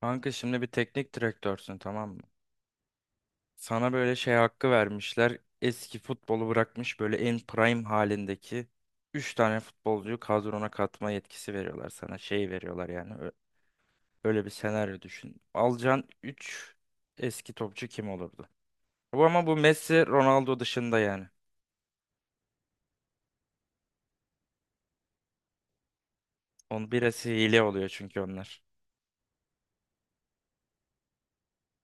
Kanka şimdi bir teknik direktörsün, tamam mı? Sana böyle şey hakkı vermişler. Eski futbolu bırakmış böyle en prime halindeki 3 tane futbolcuyu kadrona katma yetkisi veriyorlar sana. Şey veriyorlar yani. Öyle bir senaryo düşün. Alacağın 3 eski topçu kim olurdu? Bu ama bu Messi, Ronaldo dışında yani. Onun birisi hile oluyor çünkü onlar.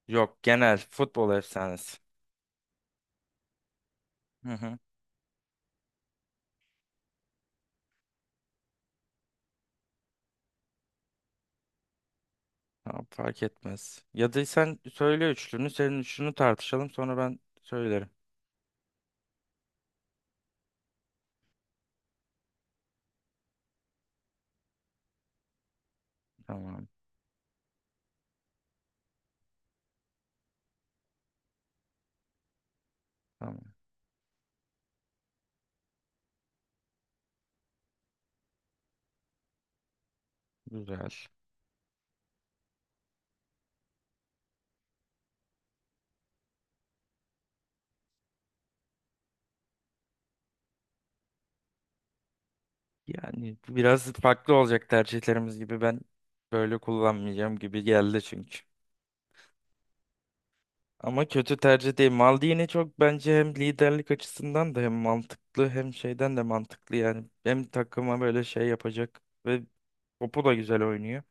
Yok, genel futbol efsanesi. Hı hı. Tamam, fark etmez. Ya da sen söyle üçlünü, senin üçlünü tartışalım sonra ben söylerim. Tamam. Tamam. Güzel. Yani biraz farklı olacak tercihlerimiz gibi, ben böyle kullanmayacağım gibi geldi çünkü. Ama kötü tercih değil. Maldini çok bence hem liderlik açısından da hem mantıklı hem şeyden de mantıklı yani. Hem takıma böyle şey yapacak ve topu da güzel oynuyor.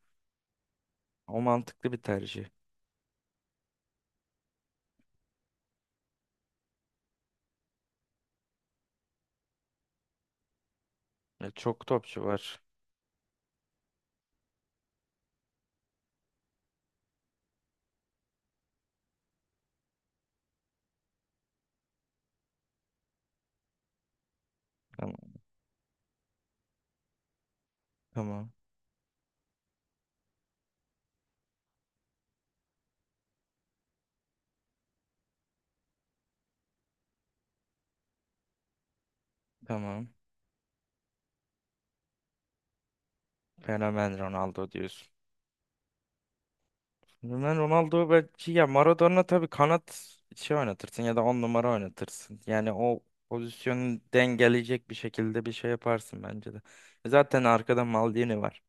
O mantıklı bir tercih. Ya çok topçu var. Tamam. Tamam. Tamam. Fenomen Ronaldo diyorsun. Ben Ronaldo belki, ya Maradona tabii kanat şey oynatırsın ya da on numara oynatırsın. Yani o pozisyonu dengeleyecek bir şekilde bir şey yaparsın bence de. E zaten arkada Maldini var.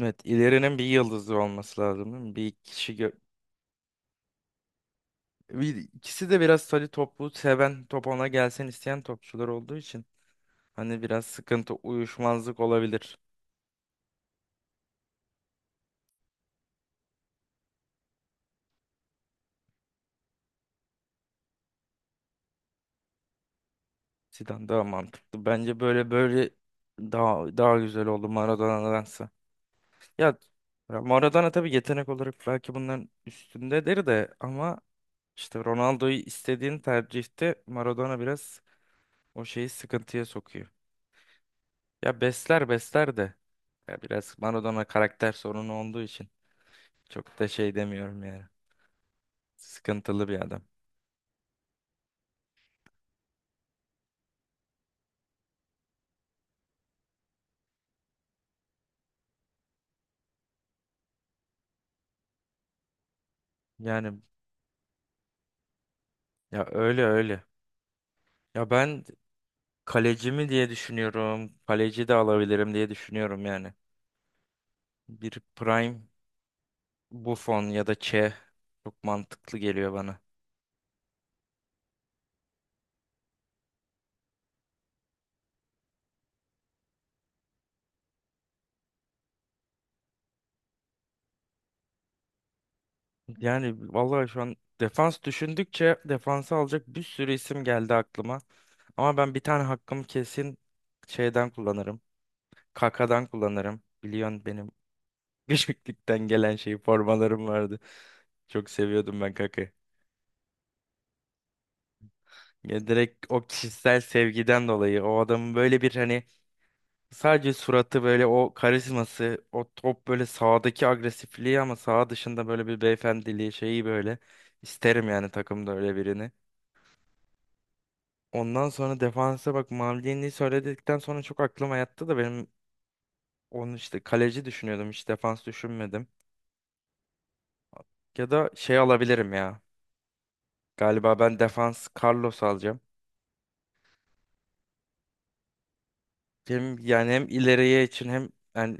Evet, ilerinin bir yıldızı olması lazım, değil mi? Bir, ikisi de biraz tabii topu seven, top ona gelsin isteyen topçular olduğu için hani biraz sıkıntı, uyuşmazlık olabilir. Zidane daha mantıklı. Bence böyle böyle daha güzel oldu Maradona'dansa. Ya Maradona tabii yetenek olarak belki bunların üstündedir de, ama işte Ronaldo'yu istediğin tercihte Maradona biraz o şeyi sıkıntıya sokuyor. Ya besler besler de, ya biraz Maradona karakter sorunu olduğu için çok da şey demiyorum yani. Sıkıntılı bir adam. Yani ya öyle öyle. Ya ben kaleci mi diye düşünüyorum. Kaleci de alabilirim diye düşünüyorum yani. Bir prime Buffon ya da Che çok mantıklı geliyor bana. Yani vallahi şu an defans düşündükçe defansı alacak bir sürü isim geldi aklıma. Ama ben bir tane hakkımı kesin şeyden kullanırım. Kaka'dan kullanırım. Biliyorsun benim küçüklükten gelen şey formalarım vardı. Çok seviyordum ben Kaka'yı. Ya direkt o kişisel sevgiden dolayı o adamın böyle bir hani sadece suratı, böyle o karizması, o top, böyle sahadaki agresifliği ama saha dışında böyle bir beyefendiliği şeyi böyle isterim yani, takımda öyle birini. Ondan sonra defansa bak, Maldini'yi söyledikten sonra çok aklıma yattı da benim, onu işte kaleci düşünüyordum, hiç defans düşünmedim. Ya da şey alabilirim ya. Galiba ben defans Carlos alacağım. Hem yani hem ileriye için, hem yani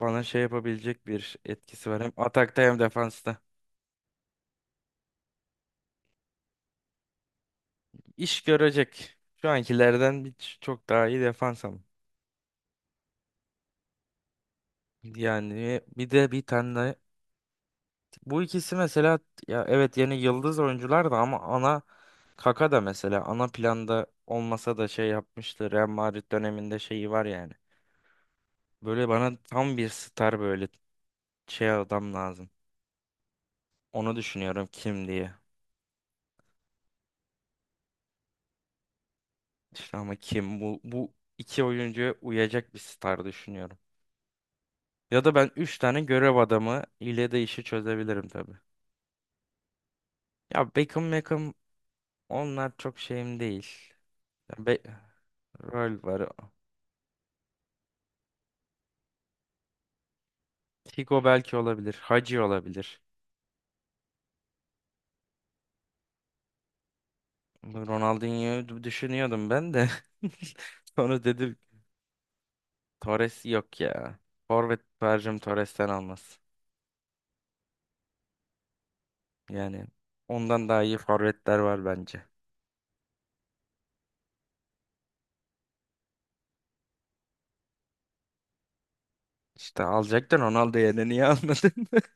bana şey yapabilecek bir etkisi var. Hem atakta hem defansta. İş görecek. Şu ankilerden çok daha iyi defans ama. Yani bir de bir tane bu ikisi mesela, ya evet yeni yıldız oyuncular da ama ana, Kaka da mesela ana planda olmasa da şey yapmıştı. Real Madrid döneminde şeyi var yani. Böyle bana tam bir star, böyle şey adam lazım. Onu düşünüyorum kim diye. İşte ama kim, bu iki oyuncuya uyacak bir star düşünüyorum. Ya da ben üç tane görev adamı ile de işi çözebilirim tabii. Ya Beckham onlar çok şeyim değil. Ya Be- Rol var. Figo belki olabilir. Hacı olabilir. Bu Ronaldinho'yu düşünüyordum ben de. Sonra dedim Torres yok ya. Forvet tercihim Torres'ten almaz. Yani ondan daha iyi forvetler var bence. İşte alacaktın Ronaldo yerine, niye almadın?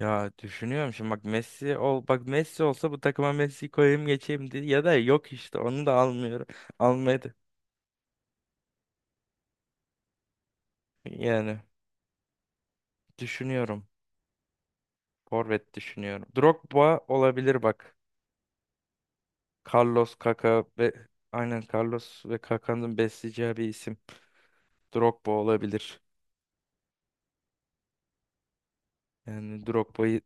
Ya düşünüyorum şimdi bak, Messi ol bak, Messi olsa bu takıma Messi koyayım geçeyim diye, ya da yok işte onu da almıyorum. Almadı. Yani düşünüyorum. Forvet düşünüyorum. Drogba olabilir bak. Carlos, Kaka ve aynen, Carlos ve Kaka'nın besleyeceği bir isim. Drogba olabilir. Yani Drogba'yı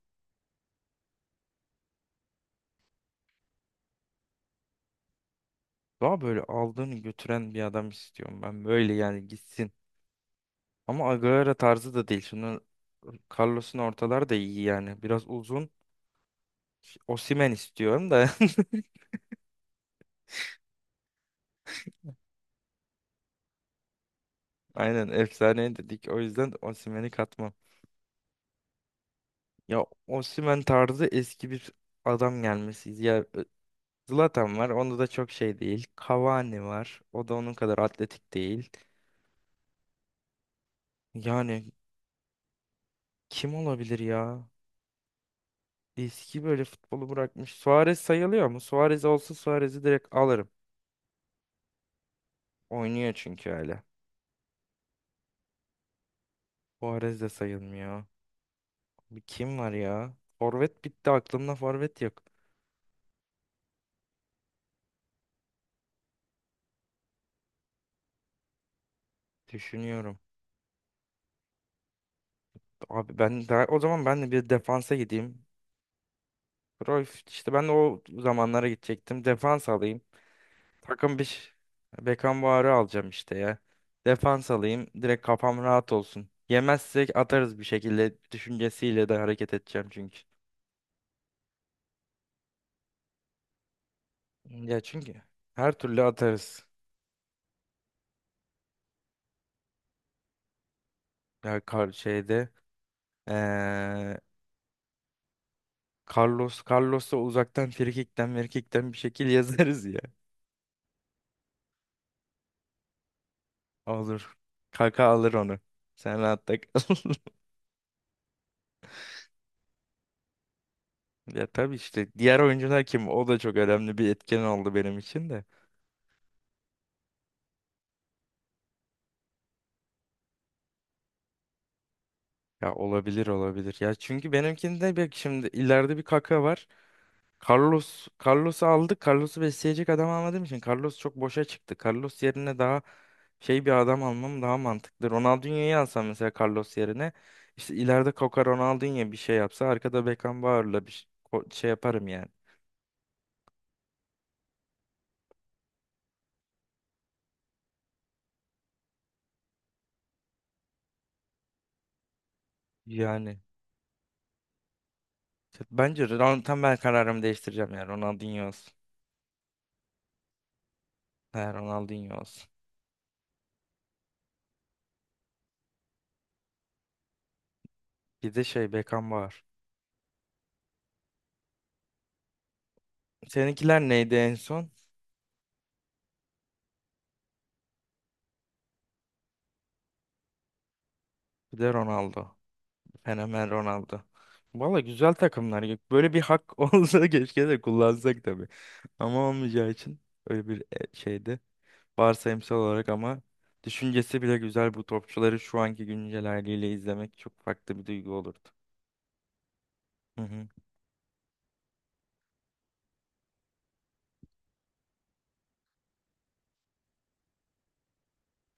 daha böyle aldığını götüren bir adam istiyorum ben. Böyle yani, gitsin. Ama Agüero tarzı da değil. Şimdi Carlos'un ortalar da iyi yani. Biraz uzun. Osimhen istiyorum da. Aynen efsane dedik. O yüzden Osimhen'i katmam. Ya Osimhen tarzı eski bir adam gelmesi. Ya Zlatan var. Onda da çok şey değil. Cavani var. O da onun kadar atletik değil. Yani kim olabilir ya? Eski böyle futbolu bırakmış. Suarez sayılıyor mu? Suarez olsa Suarez'i direkt alırım. Oynuyor çünkü hala. Suarez de sayılmıyor. Bir kim var ya? Forvet bitti, aklımda forvet yok. Düşünüyorum. Abi ben daha o zaman, ben de bir defansa gideyim. Cruyff işte, ben de o zamanlara gidecektim. Defans alayım. Takım bir ş- Beckenbauer'ı alacağım işte ya. Defans alayım. Direkt kafam rahat olsun. Yemezsek atarız bir şekilde düşüncesiyle de hareket edeceğim çünkü. Ya çünkü her türlü atarız. Ya kar şeyde eee, Carlos'a uzaktan frikikten merkikten bir şekil yazarız ya. Olur. Kaka alır onu. Sen rahat da kal. Ya tabii işte diğer oyuncular kim? O da çok önemli bir etken oldu benim için de. Ya olabilir olabilir. Ya çünkü benimkinde bir şimdi ileride bir kaka var. Carlos'u aldık. Carlos'u besleyecek adam almadığım için Carlos çok boşa çıktı. Carlos yerine daha şey bir adam almam daha mantıklı. Ronaldinho'yu alsam mesela Carlos yerine, işte ileride Kaka Ronaldinho bir şey yapsa arkada Beckenbauer'la bir şey şey yaparım yani. Yani bence tam ben kararımı değiştireceğim, yani Ronaldinho olsun. He, Ronaldinho olsun. Bir de şey Beckenbauer. Seninkiler neydi en son? Bir de Ronaldo. Fenomen Ronaldo. Valla güzel takımlar ya. Böyle bir hak olsa keşke de kullansak tabii. Ama olmayacağı için öyle bir şeydi. Varsayımsal olarak ama düşüncesi bile güzel, bu topçuları şu anki güncel haliyle izlemek çok farklı bir duygu olurdu. Hı hı.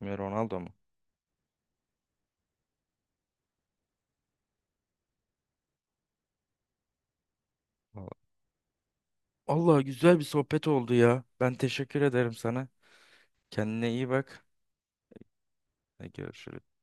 Ve Ronaldo mu? Valla. Allah güzel bir sohbet oldu ya. Ben teşekkür ederim sana. Kendine iyi bak. Hadi görüşürüz.